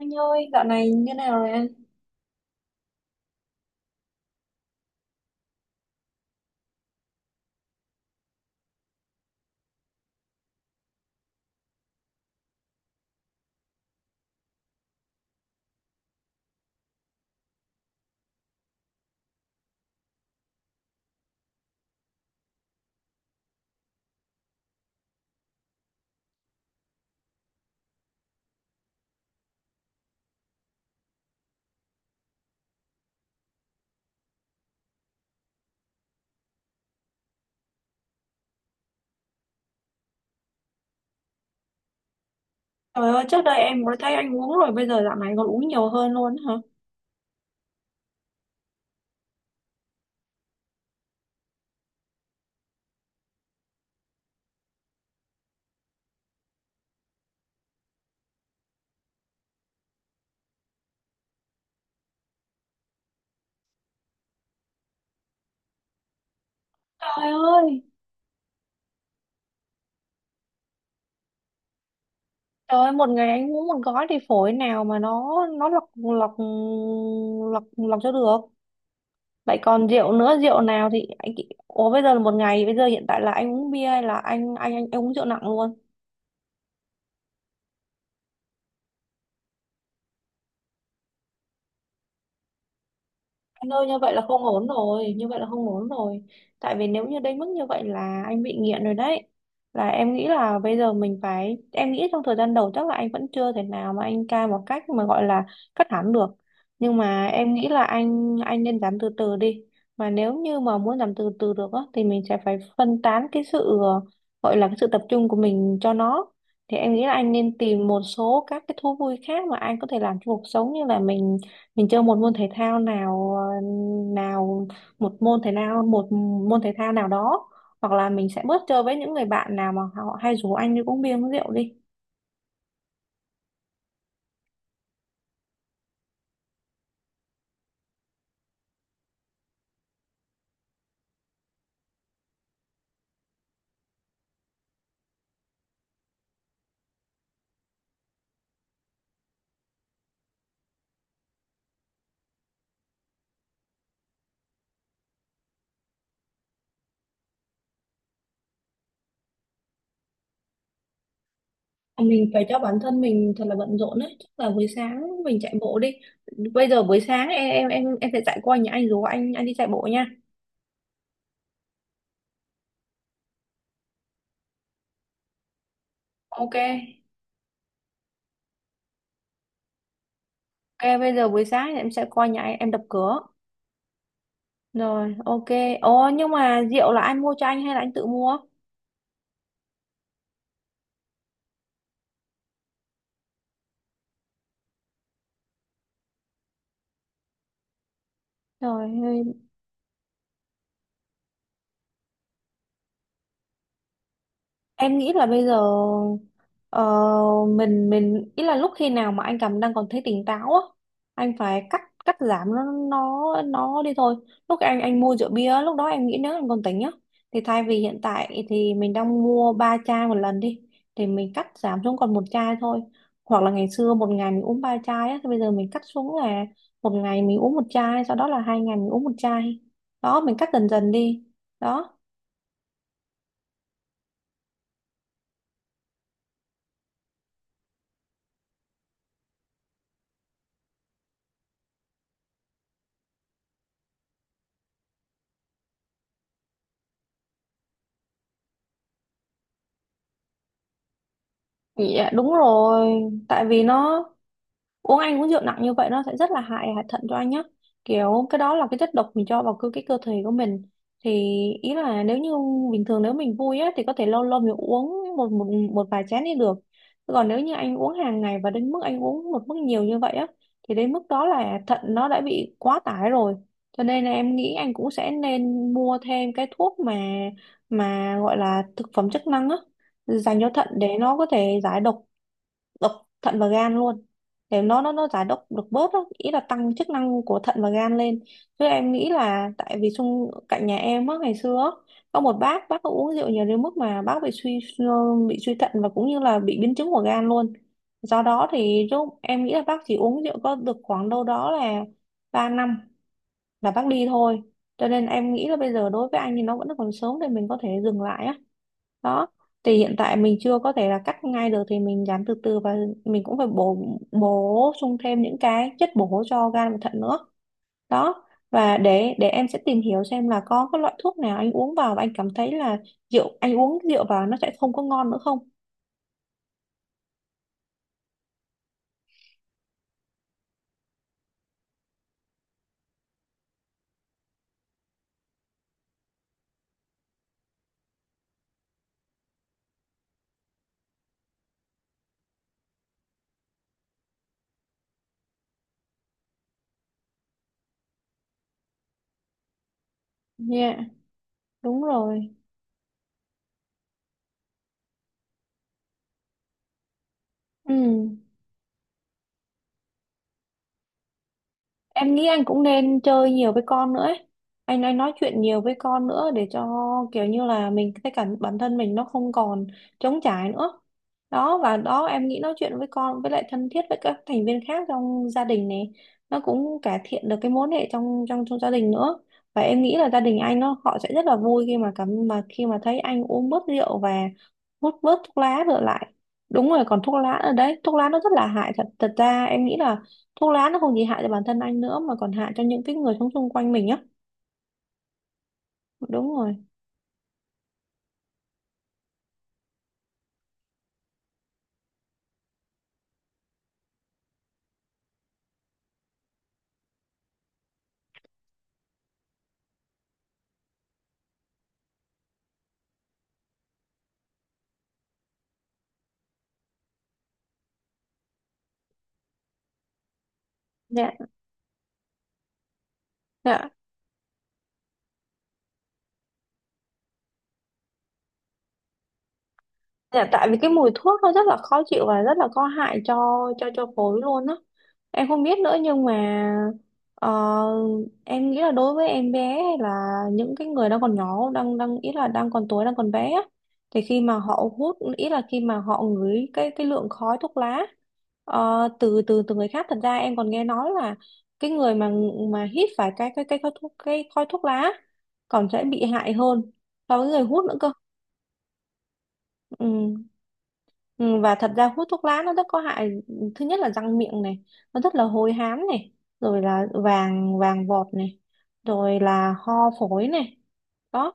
Anh ơi, dạo này như nào rồi anh? Trời ơi, trước đây em mới thấy anh uống rồi, bây giờ dạo này còn uống nhiều hơn luôn hả? Trời ơi, trời ơi, một ngày anh uống một gói thì phổi nào mà nó lọc lọc lọc lọc cho được. Vậy còn rượu nữa, rượu nào thì anh. Ủa bây giờ là một ngày, bây giờ hiện tại là anh uống bia hay là anh uống rượu nặng luôn? Anh ơi như vậy là không ổn rồi. Như vậy là không ổn rồi. Tại vì nếu như đến mức như vậy là anh bị nghiện rồi đấy. Là em nghĩ là bây giờ mình phải. Em nghĩ trong thời gian đầu chắc là anh vẫn chưa thể nào mà anh cai một cách mà gọi là cắt hẳn được. Nhưng mà em nghĩ là anh. Anh nên giảm từ từ đi. Mà nếu như mà muốn giảm từ từ được á, thì mình sẽ phải phân tán cái sự gọi là cái sự tập trung của mình cho nó. Thì em nghĩ là anh nên tìm một số các cái thú vui khác mà anh có thể làm cho cuộc sống, như là mình chơi một môn thể thao nào, một môn thể nào, một môn thể thao nào đó, hoặc là mình sẽ bớt chơi với những người bạn nào mà họ hay rủ anh đi uống bia uống rượu đi. Mình phải cho bản thân mình thật là bận rộn đấy, chắc là buổi sáng mình chạy bộ đi. Bây giờ buổi sáng em sẽ chạy qua nhà anh rủ anh đi chạy bộ nha. Ok. Ok, bây giờ buổi sáng em sẽ qua nhà anh em đập cửa. Rồi, ok. Ồ, nhưng mà rượu là anh mua cho anh hay là anh tự mua? Rồi. Em nghĩ là bây giờ ờ, mình ý là lúc khi nào mà anh cảm đang còn thấy tỉnh táo á, anh phải cắt cắt giảm nó đi thôi. Lúc anh mua rượu bia lúc đó em nghĩ, nếu anh còn tỉnh nhá, thì thay vì hiện tại thì mình đang mua ba chai một lần đi, thì mình cắt giảm xuống còn một chai thôi. Hoặc là ngày xưa một ngày mình uống ba chai á, thì bây giờ mình cắt xuống là một ngày mình uống một chai, sau đó là 2 ngày mình uống một chai. Đó, mình cắt dần dần đi. Đó. Dạ đúng rồi, tại vì nó anh uống rượu nặng như vậy nó sẽ rất là hại hại thận cho anh nhé. Kiểu cái đó là cái chất độc mình cho vào cái cơ thể của mình. Thì ý là, nếu như bình thường nếu mình vui á thì có thể lâu lâu mình uống một một một vài chén đi được. Còn nếu như anh uống hàng ngày và đến mức anh uống một mức nhiều như vậy á, thì đến mức đó là thận nó đã bị quá tải rồi. Cho nên là em nghĩ anh cũng sẽ nên mua thêm cái thuốc mà gọi là thực phẩm chức năng á, dành cho thận để nó có thể giải độc độc thận và gan luôn, để nó giải độc được bớt đó. Ý là tăng chức năng của thận và gan lên. Chứ em nghĩ là, tại vì xung cạnh nhà em á, ngày xưa á, có một bác có uống rượu nhiều đến mức mà bác bị suy thận và cũng như là bị biến chứng của gan luôn. Do đó thì lúc em nghĩ là bác chỉ uống rượu có được khoảng đâu đó là 3 năm là bác đi thôi. Cho nên em nghĩ là bây giờ đối với anh thì nó vẫn còn sớm để mình có thể dừng lại á. Đó, thì hiện tại mình chưa có thể là cắt ngay được thì mình làm từ từ và mình cũng phải bổ bổ sung thêm những cái chất bổ cho gan và thận nữa. Đó, và để em sẽ tìm hiểu xem là có cái loại thuốc nào anh uống vào và anh cảm thấy là rượu, anh uống rượu vào nó sẽ không có ngon nữa không nha. Đúng rồi. Ừ. Em nghĩ anh cũng nên chơi nhiều với con nữa ấy. Anh nói chuyện nhiều với con nữa để cho kiểu như là mình cái cảm bản thân mình nó không còn trống trải nữa. Đó, và đó em nghĩ nói chuyện với con với lại thân thiết với các thành viên khác trong gia đình này, nó cũng cải thiện được cái mối hệ trong trong trong gia đình nữa. Và em nghĩ là gia đình anh nó họ sẽ rất là vui khi mà cảm mà khi mà thấy anh uống bớt rượu và hút bớt thuốc lá trở lại. Đúng rồi, còn thuốc lá ở đấy, thuốc lá nó rất là hại thật. Thật ra em nghĩ là thuốc lá nó không chỉ hại cho bản thân anh nữa mà còn hại cho những cái người sống xung quanh mình nhá. Đúng rồi. Dạ. Dạ. Dạ, tại vì cái mùi thuốc nó rất là khó chịu và rất là có hại cho cho phổi luôn á. Em không biết nữa, nhưng mà ờ, em nghĩ là đối với em bé hay là những cái người đang còn nhỏ, đang đang ý là đang còn tuổi, đang còn bé á, thì khi mà họ hút, ý là khi mà họ ngửi cái lượng khói thuốc lá từ từ từ người khác, thật ra em còn nghe nói là cái người mà hít phải cái khói thuốc, cái khói thuốc lá còn sẽ bị hại hơn so với người hút nữa cơ. Ừ. Ừ, và thật ra hút thuốc lá nó rất có hại. Thứ nhất là răng miệng này, nó rất là hôi hám này, rồi là vàng vàng vọt này, rồi là ho phổi này. Đó,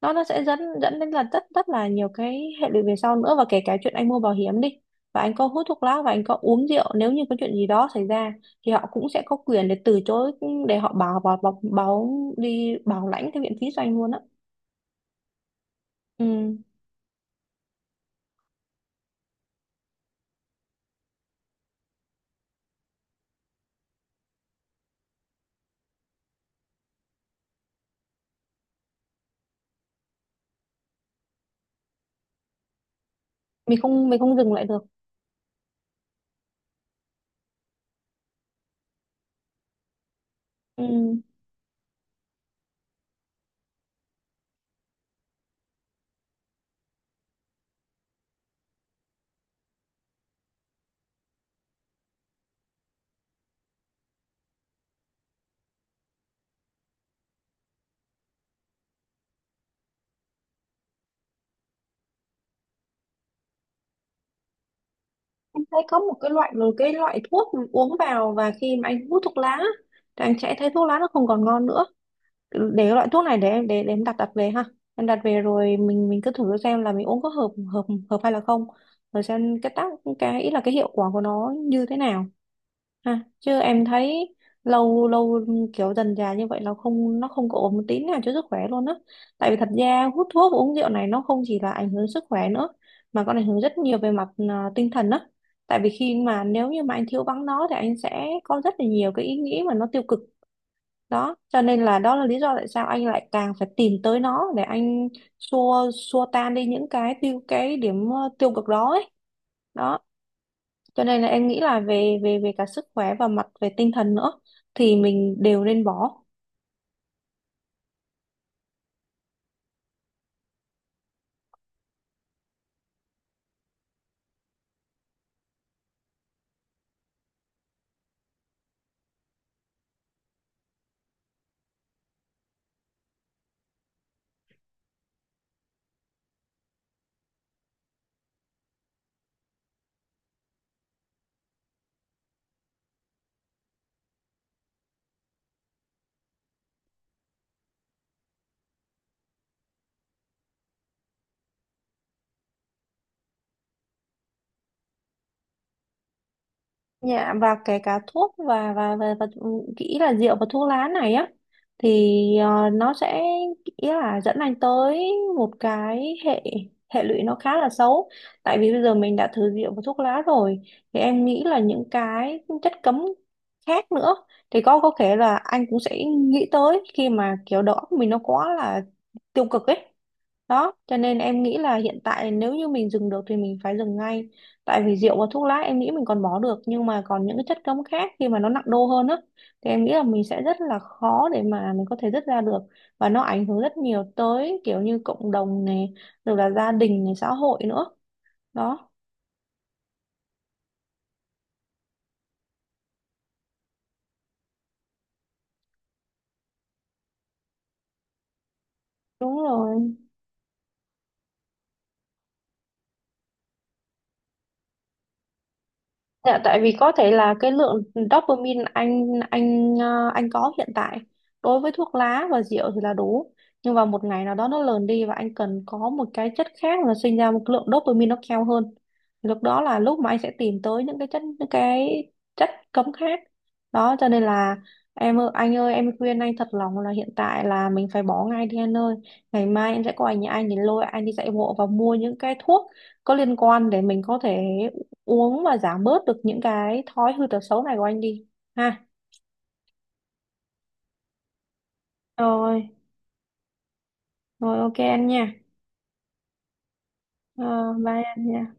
nó sẽ dẫn dẫn đến là rất rất là nhiều cái hệ lụy về sau nữa, và kể cả chuyện anh mua bảo hiểm đi, và anh có hút thuốc lá và anh có uống rượu, nếu như có chuyện gì đó xảy ra thì họ cũng sẽ có quyền để từ chối, để họ bảo đi bảo lãnh cái viện phí cho anh luôn á. Ừ. mình không dừng lại được. Ừ. Anh thấy có một cái loại thuốc uống vào và khi mà anh hút thuốc lá á, thì anh sẽ thấy thuốc lá nó không còn ngon nữa. Để cái loại thuốc này, để em để em đặt đặt về ha. Em đặt về rồi mình cứ thử xem là mình uống có hợp hợp hợp hay là không. Rồi xem cái cái ý là cái hiệu quả của nó như thế nào ha. Chứ em thấy lâu lâu kiểu dần dà như vậy là không, nó không có ổn một tí nào cho sức khỏe luôn á, tại vì thật ra hút thuốc và uống rượu này nó không chỉ là ảnh hưởng sức khỏe nữa, mà còn ảnh hưởng rất nhiều về mặt tinh thần á. Tại vì khi mà, nếu như mà anh thiếu vắng nó thì anh sẽ có rất là nhiều cái ý nghĩ mà nó tiêu cực. Đó cho nên là, đó là lý do tại sao anh lại càng phải tìm tới nó để anh xua xua tan đi những cái cái điểm tiêu cực đó ấy. Đó cho nên là em nghĩ là về về về cả sức khỏe và mặt về tinh thần nữa thì mình đều nên bỏ. Dạ, và kể cả thuốc và kỹ là rượu và thuốc lá này á, thì nó sẽ kỹ là dẫn anh tới một cái hệ hệ lụy nó khá là xấu, tại vì bây giờ mình đã thử rượu và thuốc lá rồi thì em nghĩ là những cái chất cấm khác nữa thì có thể là anh cũng sẽ nghĩ tới, khi mà kiểu đầu óc mình nó quá là tiêu cực ấy. Đó, cho nên em nghĩ là hiện tại nếu như mình dừng được thì mình phải dừng ngay. Tại vì rượu và thuốc lá em nghĩ mình còn bỏ được, nhưng mà còn những cái chất cấm khác khi mà nó nặng đô hơn á, thì em nghĩ là mình sẽ rất là khó để mà mình có thể dứt ra được, và nó ảnh hưởng rất nhiều tới kiểu như cộng đồng này, rồi là gia đình này, xã hội nữa. Đó, đúng rồi. Dạ, tại vì có thể là cái lượng dopamine anh anh có hiện tại đối với thuốc lá và rượu thì là đủ, nhưng vào một ngày nào đó nó lờn đi và anh cần có một cái chất khác là sinh ra một lượng dopamine nó cao hơn. Thì lúc đó là lúc mà anh sẽ tìm tới những cái những cái chất cấm khác. Đó cho nên là, em ơi anh ơi, em khuyên anh thật lòng là hiện tại là mình phải bỏ ngay đi anh ơi. Ngày mai em sẽ qua nhà anh để lôi anh đi dạy bộ và mua những cái thuốc có liên quan để mình có thể uống và giảm bớt được những cái thói hư tật xấu này của anh đi ha. Rồi. Rồi, ok anh nha. Ờ, bye anh nha.